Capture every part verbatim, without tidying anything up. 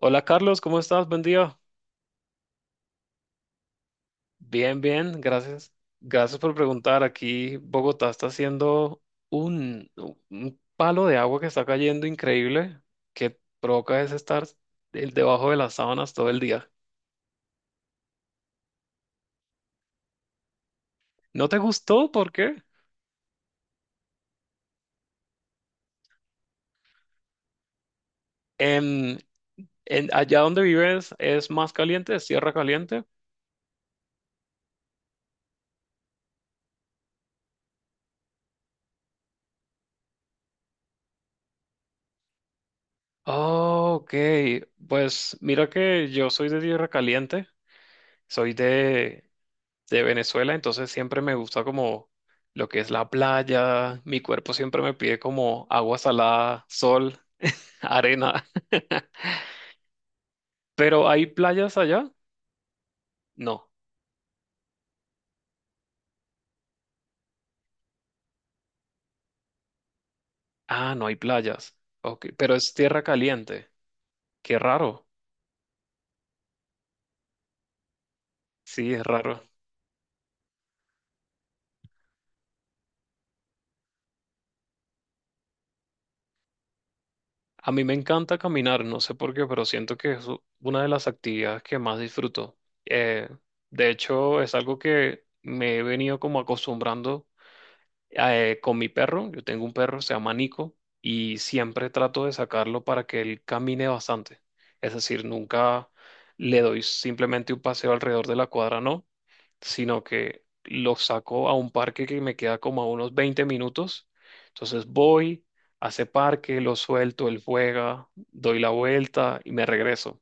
Hola Carlos, ¿cómo estás? Buen día. Bien, bien, gracias. Gracias por preguntar. Aquí Bogotá está haciendo un, un palo de agua que está cayendo increíble, que provoca es estar el- debajo de las sábanas todo el día. ¿No te gustó? ¿Por qué? En, en- Allá donde vives es más caliente, es tierra caliente. Oh, ok, pues mira que yo soy de tierra caliente, soy de de Venezuela, entonces siempre me gusta como lo que es la playa, mi cuerpo siempre me pide como agua salada, sol, arena. ¿Pero hay playas allá? No. Ah, no hay playas. Ok, pero es tierra caliente. Qué raro. Sí, es raro. A mí me encanta caminar, no sé por qué, pero siento que es u- una de las actividades que más disfruto. Eh, de hecho, es algo que me he venido como acostumbrando eh, con mi perro. Yo tengo un perro, se llama Nico, y siempre trato de sacarlo para que él camine bastante. Es decir, nunca le doy simplemente un paseo alrededor de la cuadra, no, sino que lo saco a un parque que me queda como a unos veinte minutos. Entonces voy, a ese parque, lo suelto, él juega, doy la vuelta y me regreso.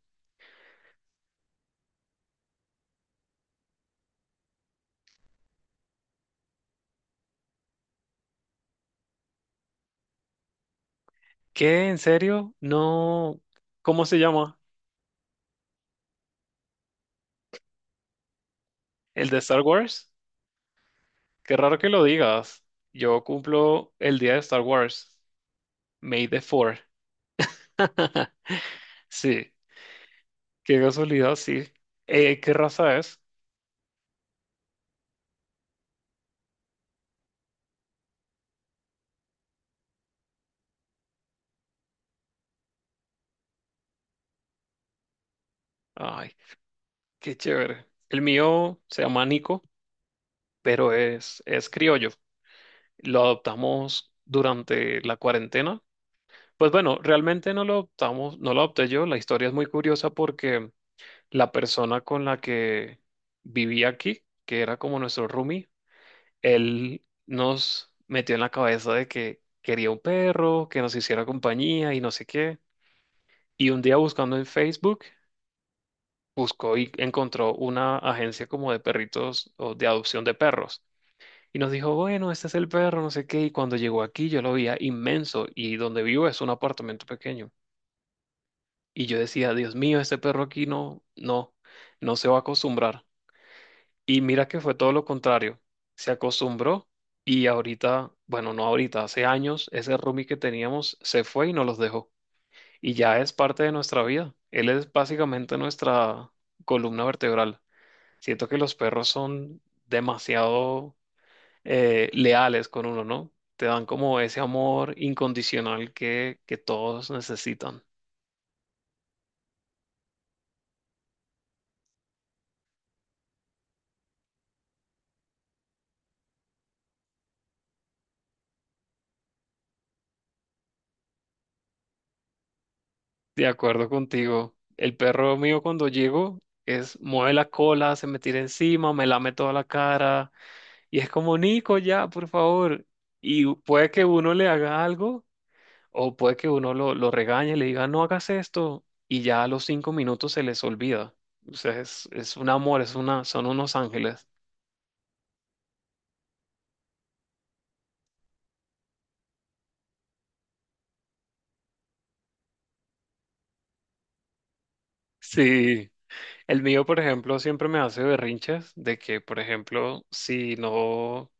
¿Qué? ¿En serio? No. ¿Cómo se llama? ¿El de Star Wars? Qué raro que lo digas. Yo cumplo el día de Star Wars, May the fourth. Sí, qué casualidad, sí. Eh, ¿qué raza es? Ay, qué chévere. El mío se llama Nico, pero es, es criollo. Lo adoptamos durante la cuarentena. Pues bueno, realmente no lo adoptamos, no lo adopté yo. La historia es muy curiosa porque la persona con la que viví aquí, que era como nuestro roomie, él nos metió en la cabeza de que quería un perro, que nos hiciera compañía y no sé qué. Y un día buscando en Facebook, buscó y encontró una agencia como de perritos o de adopción de perros. Y nos dijo, bueno, este es el perro, no sé qué. Y cuando llegó aquí yo lo veía inmenso y donde vivo es un apartamento pequeño. Y yo decía, Dios mío, este perro aquí no, no, no se va a acostumbrar. Y mira que fue todo lo contrario. Se acostumbró y ahorita, bueno, no ahorita, hace años, ese roomie que teníamos se fue y nos los dejó. Y ya es parte de nuestra vida. Él es básicamente nuestra columna vertebral. Siento que los perros son demasiado eh, leales con uno, ¿no? Te dan como ese amor incondicional que, que todos necesitan. De acuerdo contigo. El perro mío cuando llego es mueve la cola, se me tira encima, me lame toda la cara. Y es como, Nico, ya, por favor. Y puede que uno le haga algo o puede que uno lo, lo regañe, le diga, no hagas esto. Y ya a los cinco minutos se les olvida. O sea, es, es un amor, es una, son unos ángeles. Sí. El mío, por ejemplo, siempre me hace berrinches de que, por ejemplo, si no,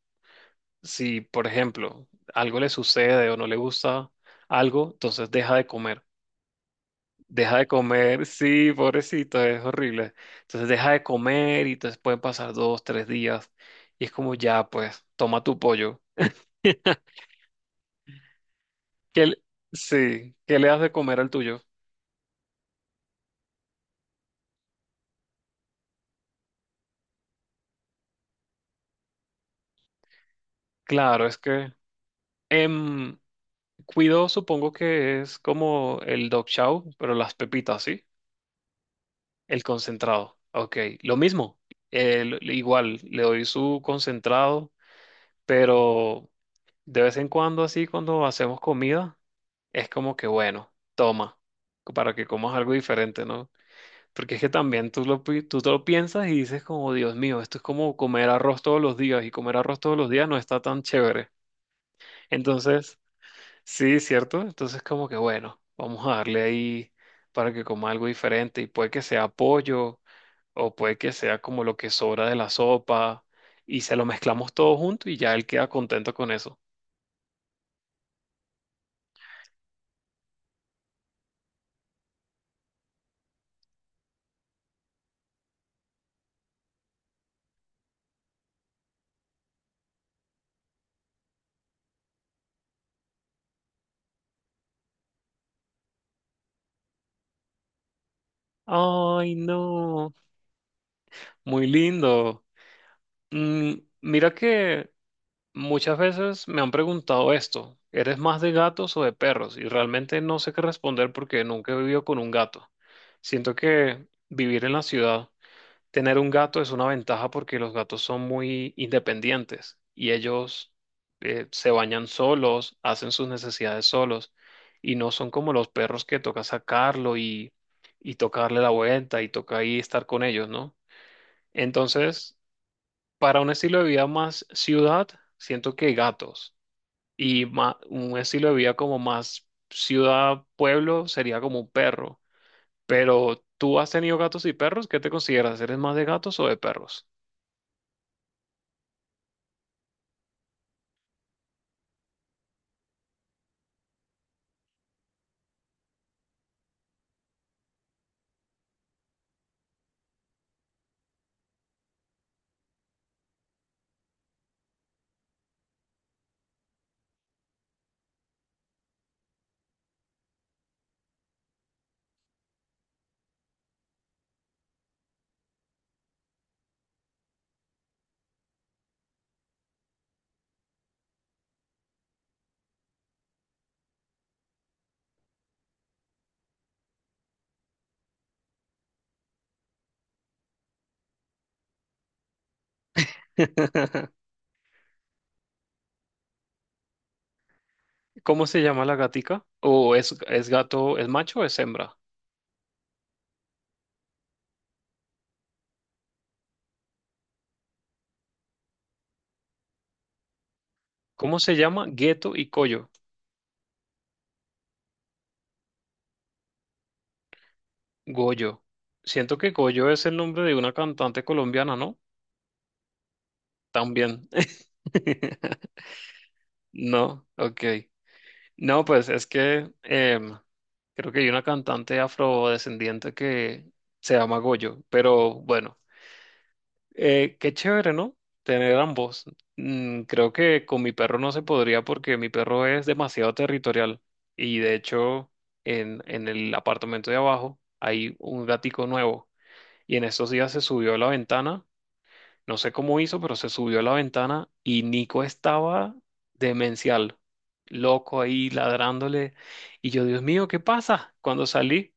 si, por ejemplo, algo le sucede o no le gusta algo, entonces deja de comer. Deja de comer, sí, pobrecito, es horrible. Entonces deja de comer y entonces pueden pasar dos, tres días. Y es como ya, pues, toma tu pollo. ¿Qué le- sí, ¿qué le das de comer al tuyo? Claro, es que em, cuido, supongo que es como el dog chow, pero las pepitas, ¿sí? El concentrado. Ok, lo mismo. Eh, lo- igual, le doy su concentrado, pero de vez en cuando, así, cuando hacemos comida, es como que, bueno, toma, para que comas algo diferente, ¿no? Porque es que también tú, lo, pi- tú te lo piensas y dices como, Dios mío, esto es como comer arroz todos los días y comer arroz todos los días no está tan chévere. Entonces, sí, ¿cierto? Entonces como que, bueno, vamos a darle ahí para que coma algo diferente y puede que sea pollo o puede que sea como lo que sobra de la sopa y se lo mezclamos todo junto y ya él queda contento con eso. Ay, no. Muy lindo. Mm, Mira que muchas veces me han preguntado esto, ¿eres más de gatos o de perros? Y realmente no sé qué responder porque nunca he vivido con un gato. Siento que vivir en la ciudad, tener un gato es una ventaja porque los gatos son muy independientes y ellos eh, se bañan solos, hacen sus necesidades solos y no son como los perros que toca sacarlo y, y tocarle la vuelta y toca ahí estar con ellos, ¿no? Entonces... Para un estilo de vida más ciudad, siento que gatos. Y ma- un estilo de vida como más ciudad-pueblo sería como un perro. Pero tú has tenido gatos y perros, ¿qué te consideras? ¿Eres más de gatos o de perros? ¿Cómo se llama la gatica? ¿O es, es gato, es macho o es hembra? ¿Cómo se llama? Gueto y Coyo. Goyo. Siento que Goyo es el nombre de una cantante colombiana, ¿no? También. No, ok. No, pues es que em, creo que hay una cantante afrodescendiente que se llama Goyo, pero bueno, eh, qué chévere, ¿no? Tener ambos. Mm, creo que con mi perro no se podría porque mi perro es demasiado territorial y de hecho en, en el apartamento de abajo hay un gatico nuevo y en estos días se subió a la ventana no sé cómo hizo, pero se subió a la ventana y Nico estaba demencial, loco ahí ladrándole. Y yo, Dios mío, ¿qué pasa? Cuando salí,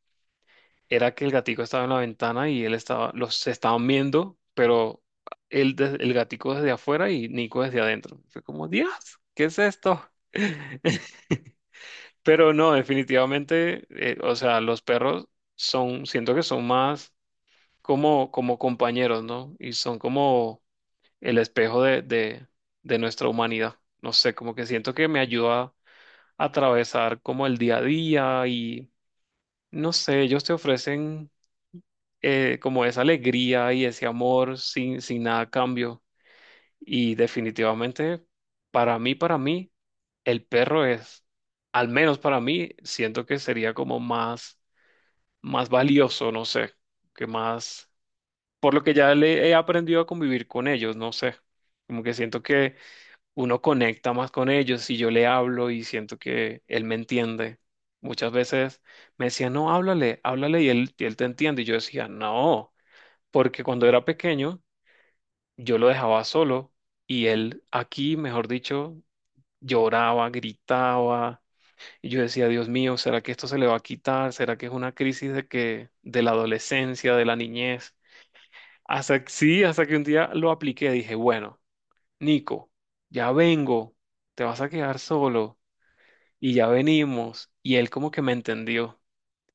era que el gatico estaba en la ventana y él estaba, los se estaban viendo, pero él, des- el gatico desde afuera y Nico desde adentro. Fue como, Dios, ¿qué es esto? Pero no, definitivamente, eh, o sea, los perros son, siento que son más como, como compañeros, ¿no? Y son como el espejo de, de, de nuestra humanidad. No sé, como que siento que me ayuda a atravesar como el día a día y no sé, ellos te ofrecen eh, como esa alegría y ese amor sin, sin nada a cambio. Y definitivamente, para mí, para mí, el perro es, al menos para mí, siento que sería como más, más, valioso, no sé, que más, por lo que ya le he aprendido a convivir con ellos, no sé, como que siento que uno conecta más con ellos y yo le hablo y siento que él me entiende. Muchas veces me decía, no, háblale, háblale y él, y él te entiende. Y yo decía, no, porque cuando era pequeño yo lo dejaba solo y él aquí, mejor dicho, lloraba, gritaba. Y yo decía, Dios mío, ¿será que esto se le va a quitar? ¿Será que es una crisis de que, de la adolescencia, de la niñez? Hasta, que- sí, hasta que un día lo apliqué, dije, bueno, Nico, ya vengo, te vas a quedar solo. Y ya venimos. Y él como que me entendió.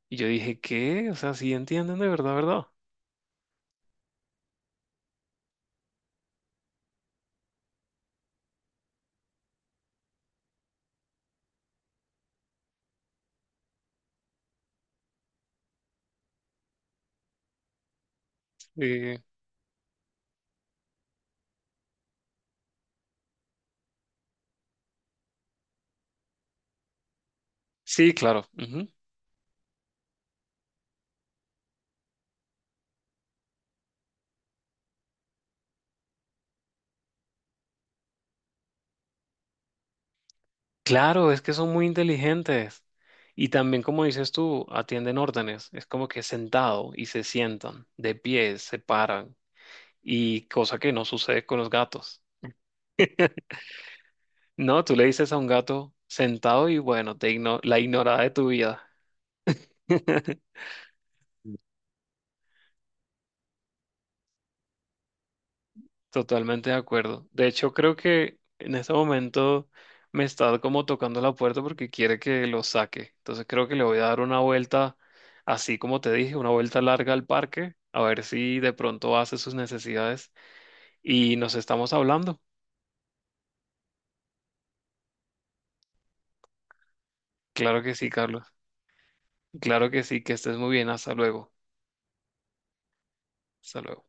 Y yo dije, ¿qué? O sea, sí entienden de verdad, ¿verdad? Eh, sí, claro. Ujú. Claro, es que son muy inteligentes. Y también, como dices tú, atienden órdenes. Es como que sentado y se sientan, de pie, se paran. Y cosa que no sucede con los gatos. No, tú le dices a un gato sentado y bueno, te igno- la ignorada de tu vida. Totalmente de acuerdo. De hecho, creo que en este momento me está como tocando la puerta porque quiere que lo saque. Entonces creo que le voy a dar una vuelta, así como te dije, una vuelta larga al parque, a ver si de pronto hace sus necesidades y nos estamos hablando. Claro que sí, Carlos. Claro que sí, que estés muy bien. Hasta luego. Hasta luego.